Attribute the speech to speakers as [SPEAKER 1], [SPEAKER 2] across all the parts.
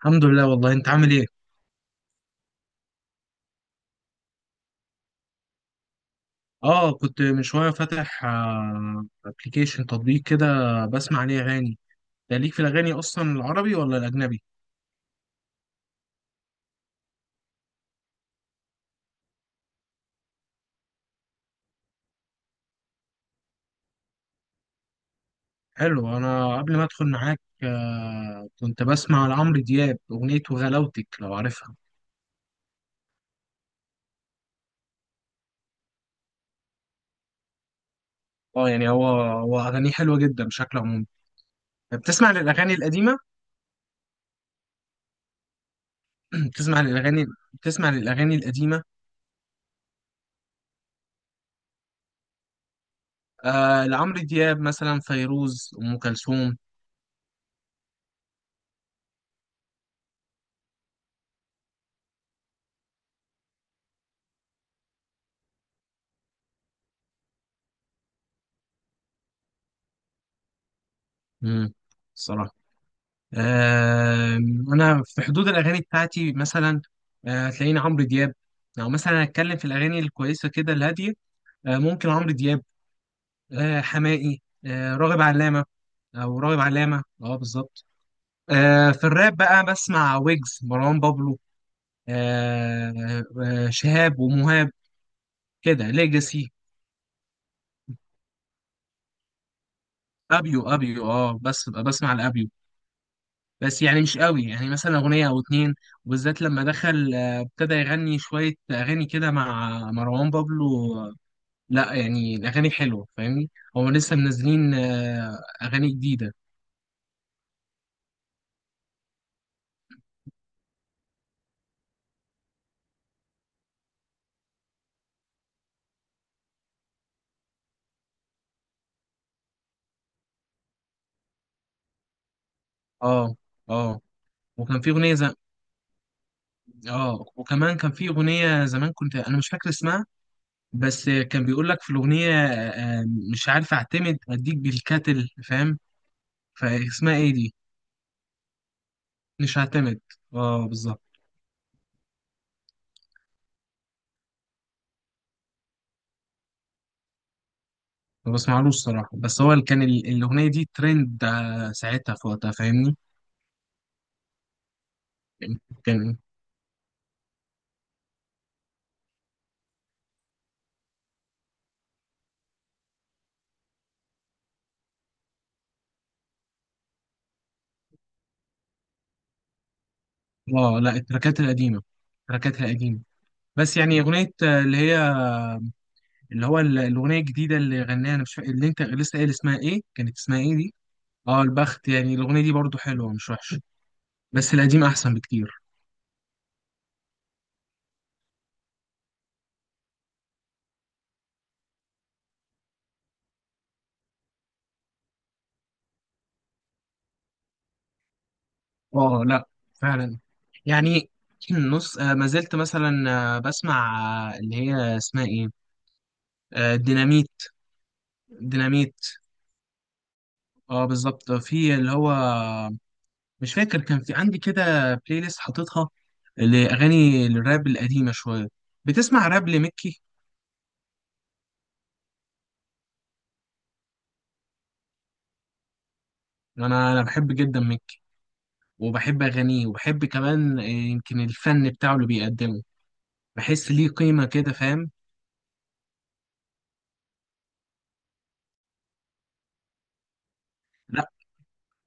[SPEAKER 1] الحمد لله، والله انت عامل ايه؟ اه، كنت من شويه فاتح ابلكيشن تطبيق كده بسمع عليه اغاني. ده ليك في الاغاني اصلا العربي ولا الاجنبي؟ حلو، انا قبل ما ادخل معاك كنت بسمع لعمرو دياب اغنيه وغلاوتك، لو عارفها. اه يعني هو اغانيه حلوه جدا بشكل عمومي. بتسمع للاغاني القديمه؟ بتسمع للاغاني بتسمع للاغاني القديمه؟ آه، لعمرو دياب مثلا، فيروز، ام كلثوم. امم آه، انا في حدود الاغاني بتاعتي، مثلا هتلاقيني عمرو دياب. لو مثلا هتكلم في الاغاني الكويسه كده الهاديه، ممكن عمرو دياب، حماقي، راغب علامه. او راغب علامه، اه بالظبط. في الراب بقى بسمع ويجز، مروان بابلو، آه، شهاب ومهاب، كده ليجاسي. ابيو اه، بس بسمع الابيو، بس يعني مش قوي، يعني مثلا أغنية أو اتنين. وبالذات لما دخل ابتدى يغني شوية أغاني كده مع مروان بابلو. لا يعني الأغاني حلوة، فاهمني. هو لسه منزلين أغاني جديدة. اه اه، وكان في أغنية اه وكمان كان في أغنية زمان، كنت أنا مش فاكر اسمها. بس كان بيقول لك في الأغنية مش عارف أعتمد أديك بالكاتل، فاهم. فاسمها إيه دي؟ مش هعتمد، اه بالظبط. ما بسمعلوش الصراحة، بس هو اللي كان الأغنية دي ترند ساعتها في وقتها، فاهمني. كان اه لا، التراكات القديمة، التراكات القديمة. بس يعني أغنية اللي هو الأغنية الجديدة اللي غناها، أنا مش فاكر اللي أنت لسه قايل اسمها إيه، كانت اسمها إيه دي؟ اه البخت، يعني الأغنية دي برضو حلوة، مش وحشة، بس القديم أحسن بكتير. اه لا فعلا يعني. نص ما زلت مثلا بسمع اللي هي اسمها إيه، ديناميت. ديناميت، اه بالظبط، في اللي هو مش فاكر، كان في عندي كده بلاي ليست حاططها لأغاني الراب القديمة شوية. بتسمع راب لمكي؟ أنا بحب جدا مكي، وبحب أغانيه، وبحب كمان يمكن الفن بتاعه اللي بيقدمه. بحس ليه قيمة كده، فاهم. لا،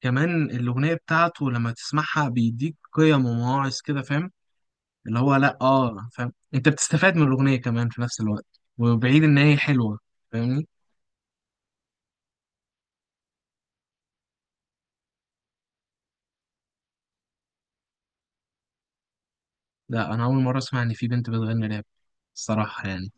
[SPEAKER 1] كمان الأغنية بتاعته لما تسمعها بيديك قيم ومواعظ كده، فاهم. اللي هو لا آه فاهم، أنت بتستفاد من الأغنية كمان في نفس الوقت، وبعيد إن هي حلوة، فاهمني. لا، أنا أول مرة أسمع إن في بنت بتغني راب، الصراحة يعني.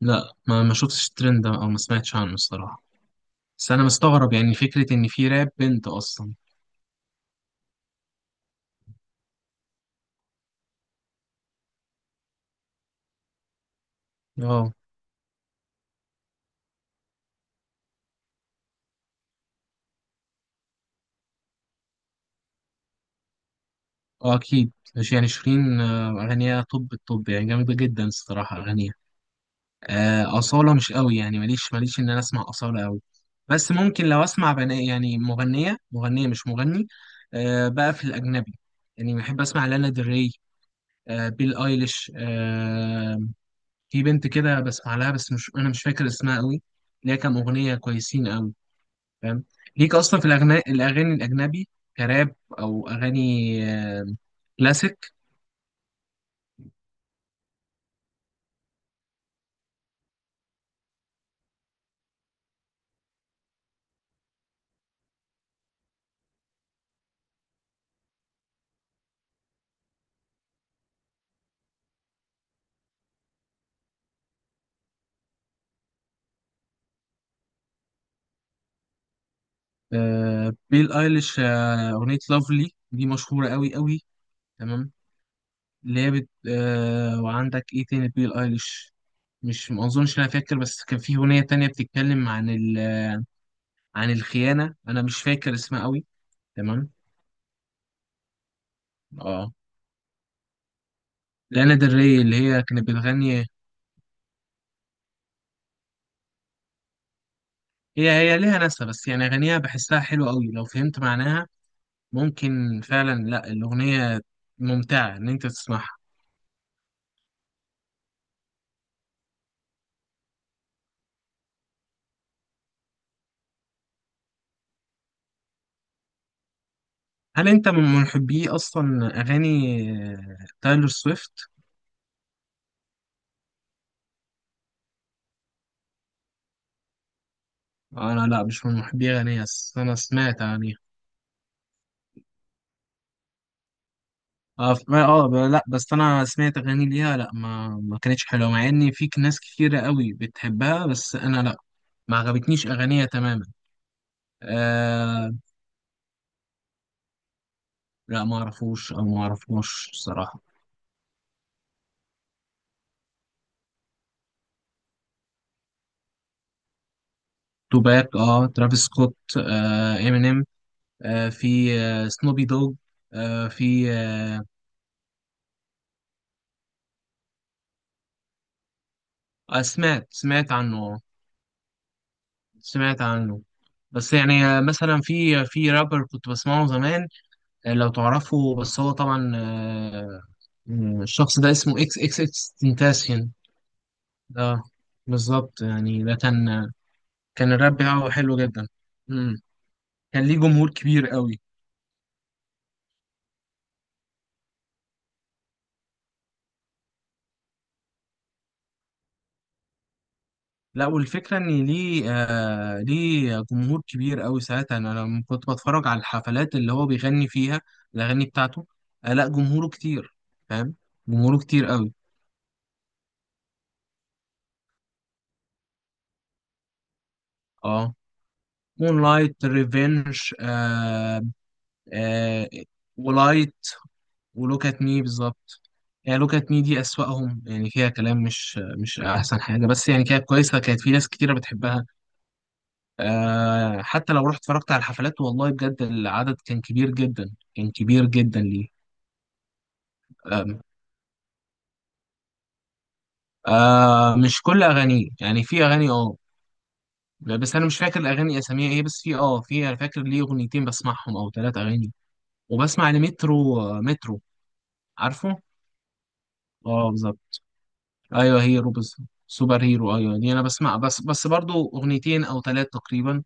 [SPEAKER 1] لا، ما شفتش الترند ده او ما سمعتش عنه الصراحه. بس انا مستغرب، يعني فكره ان في راب بنت اصلا. اه اه اكيد. مش يعني شيرين، اغانيها، الطب يعني جامده جدا الصراحه اغانيها. اصاله مش قوي، يعني ماليش ان انا اسمع اصاله قوي. بس ممكن لو اسمع بناء، يعني مغنيه مغنيه، مش مغني. بقى في الاجنبي، يعني بحب اسمع لانا دري، بيل ايليش. في بنت كده بسمع لها، بس مش انا مش فاكر اسمها قوي. ليها كام اغنيه كويسين، فاهم. ليك اصلا في الاغاني الاجنبي، كراب او اغاني آه، كلاسيك. بيل ايليش، اغنيه لافلي دي مشهوره قوي قوي. تمام. اللي هي بت... آه، وعندك ايه تاني بيل ايليش؟ مش ما اظنش إن انا فاكر، بس كان في اغنيه تانية بتتكلم عن عن الخيانه، انا مش فاكر اسمها قوي. تمام. اه لانا ديل ري، اللي هي كانت بتغني، هي هي ليها ناسها، بس يعني اغانيها بحسها حلوه قوي لو فهمت معناها. ممكن فعلا، لا الأغنية ممتعة إن أنت تسمعها. هل أنت من محبي أصلا أغاني تايلور سويفت؟ أنا لا، مش من محبي أغانيها، بس أنا سمعت أغانيها. اه لا بس انا سمعت اغاني ليها، لا ما كانتش حلوه، مع ان في ناس كتيره قوي بتحبها، بس انا لا، ما عجبتنيش اغانيها تماما. آه لا ما اعرفوش او ما اعرفوش الصراحه. توباك، اه، ترافيس سكوت، امينيم، في سنوبي دوج، آه، في آه، آه، سمعت عنه، سمعت عنه. بس يعني مثلا في رابر كنت بسمعه زمان، لو تعرفه، بس هو طبعا الشخص ده اسمه اكس اكس اكس تنتاسيون. اه بالظبط، يعني ده كان كان الراب بتاعه حلو جدا. مم. كان ليه جمهور كبير قوي. لا، والفكرة إن ليه جمهور كبير أوي، ساعتها أنا لما كنت بتفرج على الحفلات اللي هو بيغني فيها الأغاني بتاعته، لا جمهوره كتير، فاهم، جمهوره كتير أوي. أه مون لايت ريفينج، آه ولايت، ولوك أت مي، بالظبط. يعني لوك أت مي دي أسوأهم، يعني فيها كلام مش أحسن حاجة، بس يعني كانت كويسة، كانت في ناس كتيرة بتحبها. حتى لو رحت اتفرجت على الحفلات، والله بجد العدد كان كبير جدا، كان كبير جدا ليه. أم. آه مش كل اغانيه، يعني في اغاني بس انا مش فاكر الاغاني اساميها ايه، بس في انا فاكر ليه اغنيتين بسمعهم او ثلاث اغاني. وبسمع لمترو، مترو، عارفه، اه بالظبط. ايوه هيرو، بس سوبر هيرو، ايوه دي انا بسمع، بس برضو اغنيتين او ثلاث تقريبا،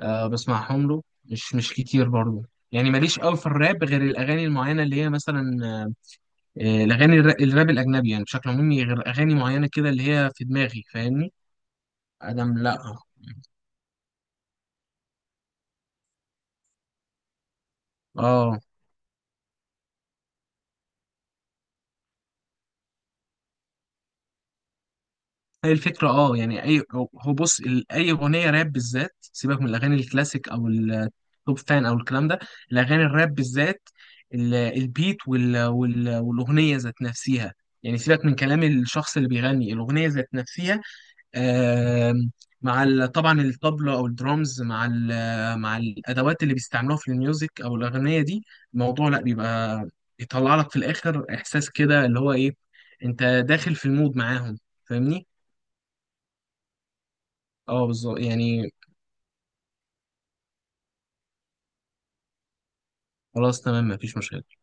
[SPEAKER 1] بسمعهم له، مش كتير برضو. يعني ماليش قوي في الراب غير الاغاني المعينه اللي هي مثلا الاغاني الراب الاجنبي، يعني بشكل عمومي غير اغاني معينه كده اللي هي في دماغي، فاهمني. ادم، لا اه، هي الفكرة، اه يعني اي، هو بص، اي اغنية راب بالذات، سيبك من الاغاني الكلاسيك او التوب فان او الكلام ده. الاغاني الراب بالذات، البيت والاغنية ذات نفسها، يعني سيبك من كلام الشخص اللي بيغني، الاغنية ذات نفسها. آم، مع طبعا الطبلة او الدرامز مع الادوات اللي بيستعملوها في الميوزك او الاغنية دي. الموضوع لا بيبقى يطلع لك في الاخر احساس كده، اللي هو ايه، انت داخل في المود معاهم، فاهمني. اه بالظبط يعني، خلاص تمام، مفيش مشكلة.